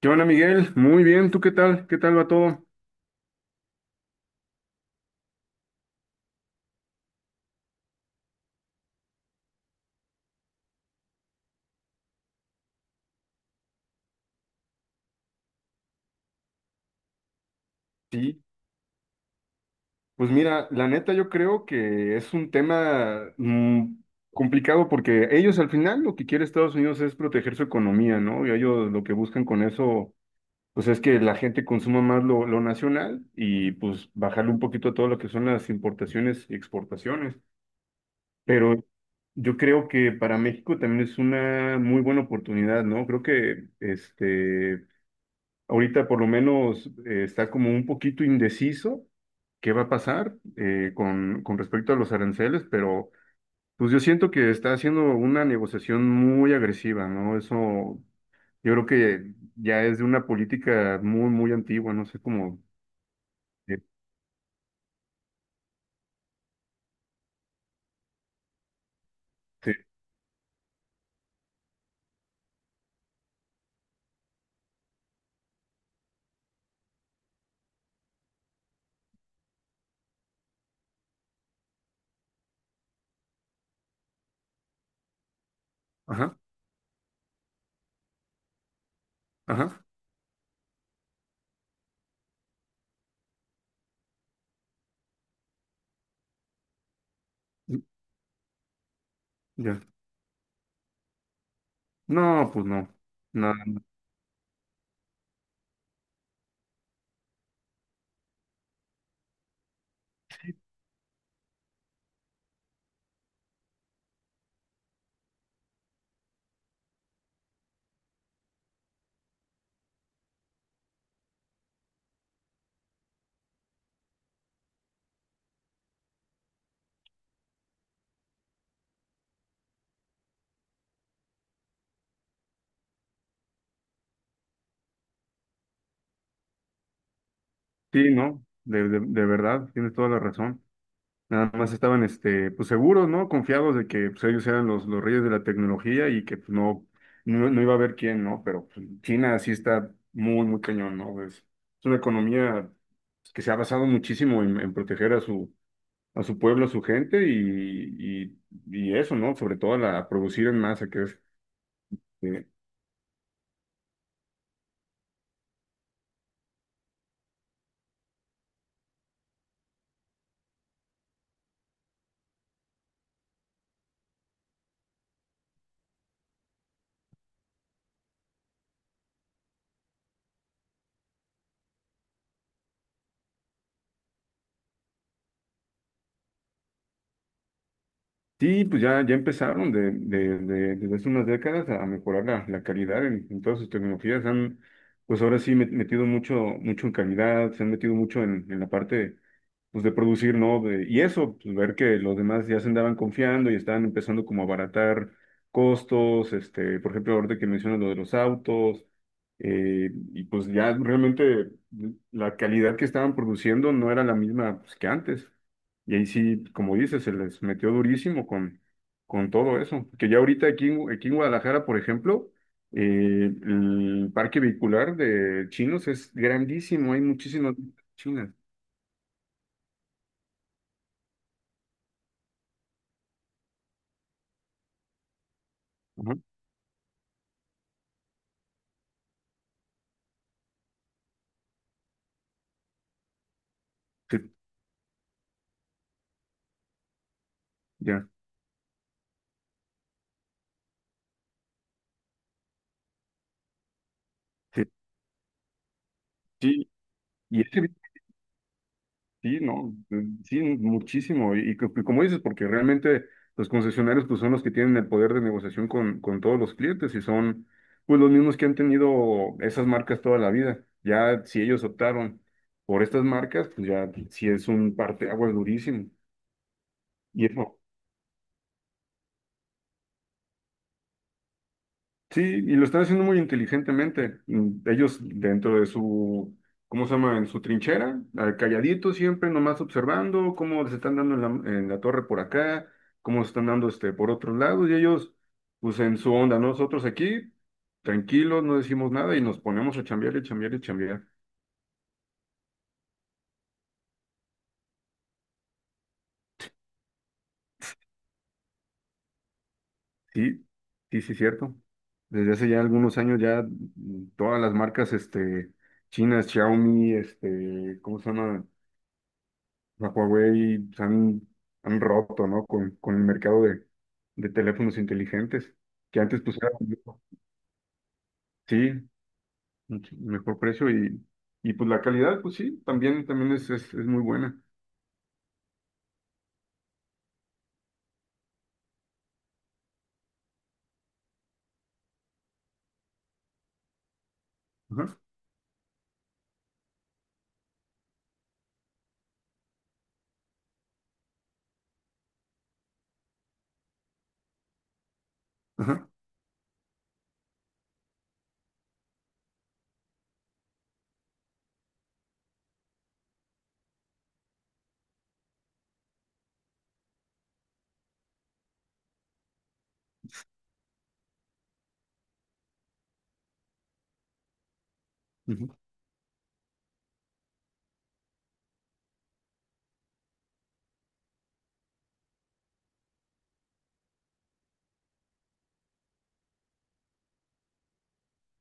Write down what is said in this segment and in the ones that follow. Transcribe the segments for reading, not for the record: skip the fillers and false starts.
¿Qué onda, Miguel? Muy bien, ¿tú qué tal? ¿Qué tal va todo? Sí, pues mira, la neta yo creo que es un tema complicado porque ellos al final lo que quiere Estados Unidos es proteger su economía, ¿no? Y ellos lo que buscan con eso, pues es que la gente consuma más lo nacional y pues bajarle un poquito a todo lo que son las importaciones y exportaciones. Pero yo creo que para México también es una muy buena oportunidad, ¿no? Creo que ahorita por lo menos, está como un poquito indeciso qué va a pasar, con respecto a los aranceles, pero pues yo siento que está haciendo una negociación muy agresiva, ¿no? Eso yo creo que ya es de una política muy, muy antigua, no sé cómo... este, ajá, ajá, ya. No, pues no, nada, sí, no, de verdad, tienes toda la razón. Nada más estaban, pues seguros, ¿no? Confiados de que pues, ellos eran los reyes de la tecnología y que pues, no iba a haber quién, ¿no? Pero pues, China sí está muy, muy cañón, ¿no? Es una economía que se ha basado muchísimo en proteger a su pueblo, a su gente y eso, ¿no? Sobre todo a producir en masa, que es, eh, sí, pues ya empezaron desde hace unas décadas a mejorar la calidad en todas sus tecnologías. Han, pues ahora sí, metido mucho, mucho en calidad, se han metido mucho en la parte pues, de producir, ¿no? Y eso pues, ver que los demás ya se andaban confiando y estaban empezando como a abaratar costos, por ejemplo, ahorita que mencionas lo de los autos, y pues ya realmente la calidad que estaban produciendo no era la misma pues, que antes. Y ahí sí, como dices, se les metió durísimo con todo eso. Que ya ahorita aquí, aquí en Guadalajara, por ejemplo, el parque vehicular de chinos es grandísimo, hay muchísimas chinas. Ajá. Sí, ya. Sí, sí, y ese sí, no, sí, muchísimo. Y y como dices, porque realmente los concesionarios pues, son los que tienen el poder de negociación con todos los clientes y son pues, los mismos que han tenido esas marcas toda la vida. Ya si ellos optaron por estas marcas, pues ya sí es un parteaguas durísimo. Y eso Sí, y lo están haciendo muy inteligentemente. Ellos dentro de su, ¿cómo se llama? En su trinchera, ah, calladitos siempre, nomás observando cómo se están dando en la torre por acá, cómo se están dando, por otros lados, y ellos, pues en su onda, ¿no? Nosotros aquí, tranquilos, no decimos nada y nos ponemos a chambear y chambear y chambear. Sí, sí, sí, cierto. Desde hace ya algunos años ya, todas las marcas, chinas, Xiaomi, ¿cómo se llama? La Huawei se han roto, ¿no? Con el mercado de teléfonos inteligentes, que antes pues era, sí, mucho mejor precio y pues la calidad, pues sí, también, también es muy buena. Ajá, ajá,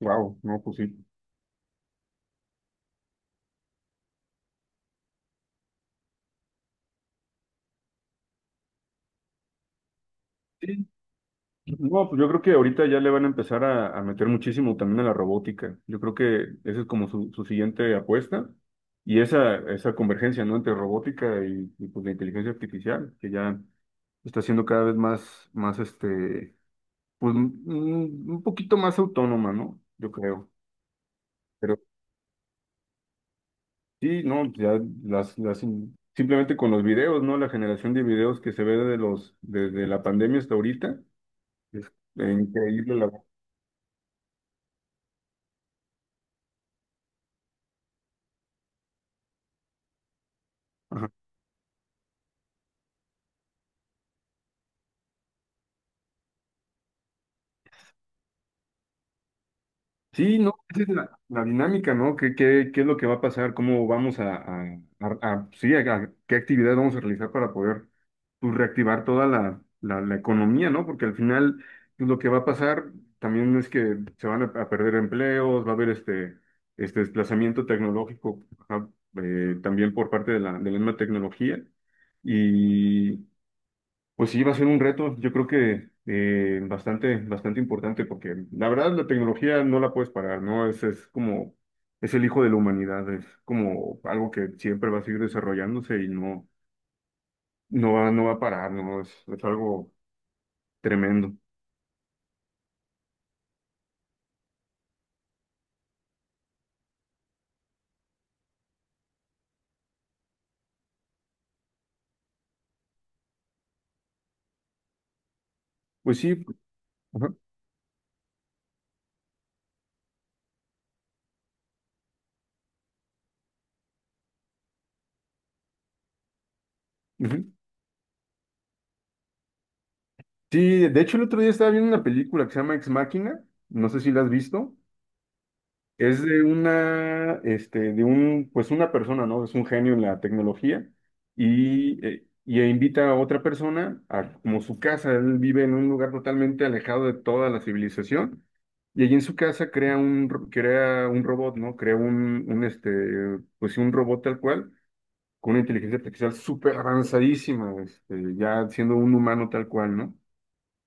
wow, no, pues sí. Sí. No, pues yo creo que ahorita ya le van a empezar a meter muchísimo también a la robótica. Yo creo que esa es como su siguiente apuesta y esa convergencia, ¿no? Entre robótica y pues la inteligencia artificial, que ya... está siendo cada vez más, más, pues un poquito más autónoma, ¿no? Yo creo. Pero sí, no, ya las simplemente con los videos, ¿no? La generación de videos que se ve desde la pandemia hasta ahorita, es, increíble la. Sí, no, esa es la dinámica, ¿no? Qué es lo que va a pasar? ¿Cómo vamos sí, qué actividades vamos a realizar para poder pues, reactivar toda la economía, ¿no? Porque al final pues, lo que va a pasar también es que se van a perder empleos, va a haber este desplazamiento tecnológico, ajá, también por parte de de la misma tecnología, pues sí, va a ser un reto, yo creo que, bastante, bastante importante, porque la verdad la tecnología no la puedes parar, ¿no? Es como, es el hijo de la humanidad, es como algo que siempre va a seguir desarrollándose y no, no va a parar, ¿no? Es algo tremendo. Pues sí, ajá, ujú. Sí, de hecho el otro día estaba viendo una película que se llama Ex Machina, no sé si la has visto. Es de un, pues una persona, ¿no? Es un genio en la tecnología y invita a otra persona a como su casa. Él vive en un lugar totalmente alejado de toda la civilización y allí en su casa crea crea un robot, ¿no? Crea pues sí, un robot tal cual con una inteligencia artificial súper avanzadísima, ya siendo un humano tal cual, ¿no?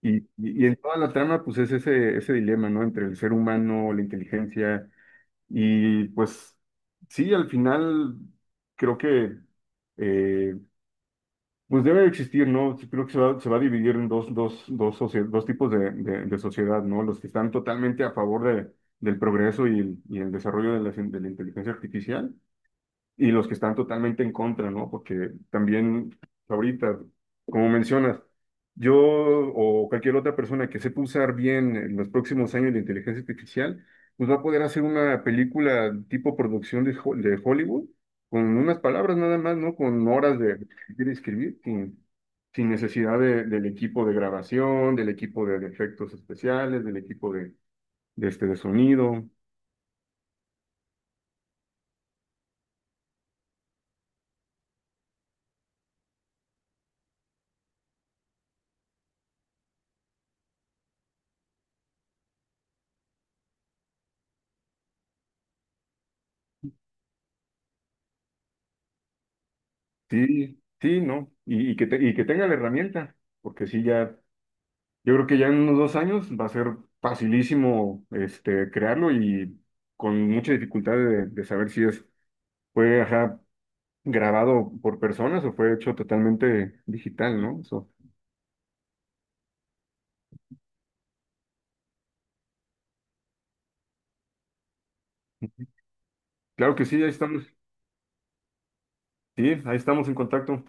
Y en toda la trama, pues es ese dilema, ¿no? Entre el ser humano, la inteligencia y pues sí, al final creo que, eh, pues debe de existir, ¿no? Sí, creo que se va a dividir en dos tipos de sociedad, ¿no? Los que están totalmente a favor del progreso y y el desarrollo de de la inteligencia artificial y los que están totalmente en contra, ¿no? Porque también ahorita, como mencionas, yo o cualquier otra persona que sepa usar bien en los próximos años de inteligencia artificial, pues va a poder hacer una película tipo producción de Hollywood con unas palabras nada más, ¿no? Con horas de escribir, sin necesidad del equipo de grabación, del equipo de efectos especiales, del equipo de sonido. Sí, sí, ¿no? Y que tenga la herramienta, porque sí, ya, yo creo que ya en unos 2 años va a ser facilísimo, crearlo y con mucha dificultad de saber si fue, ajá, grabado por personas o fue hecho totalmente digital, ¿no? So, claro que sí, ahí estamos en contacto.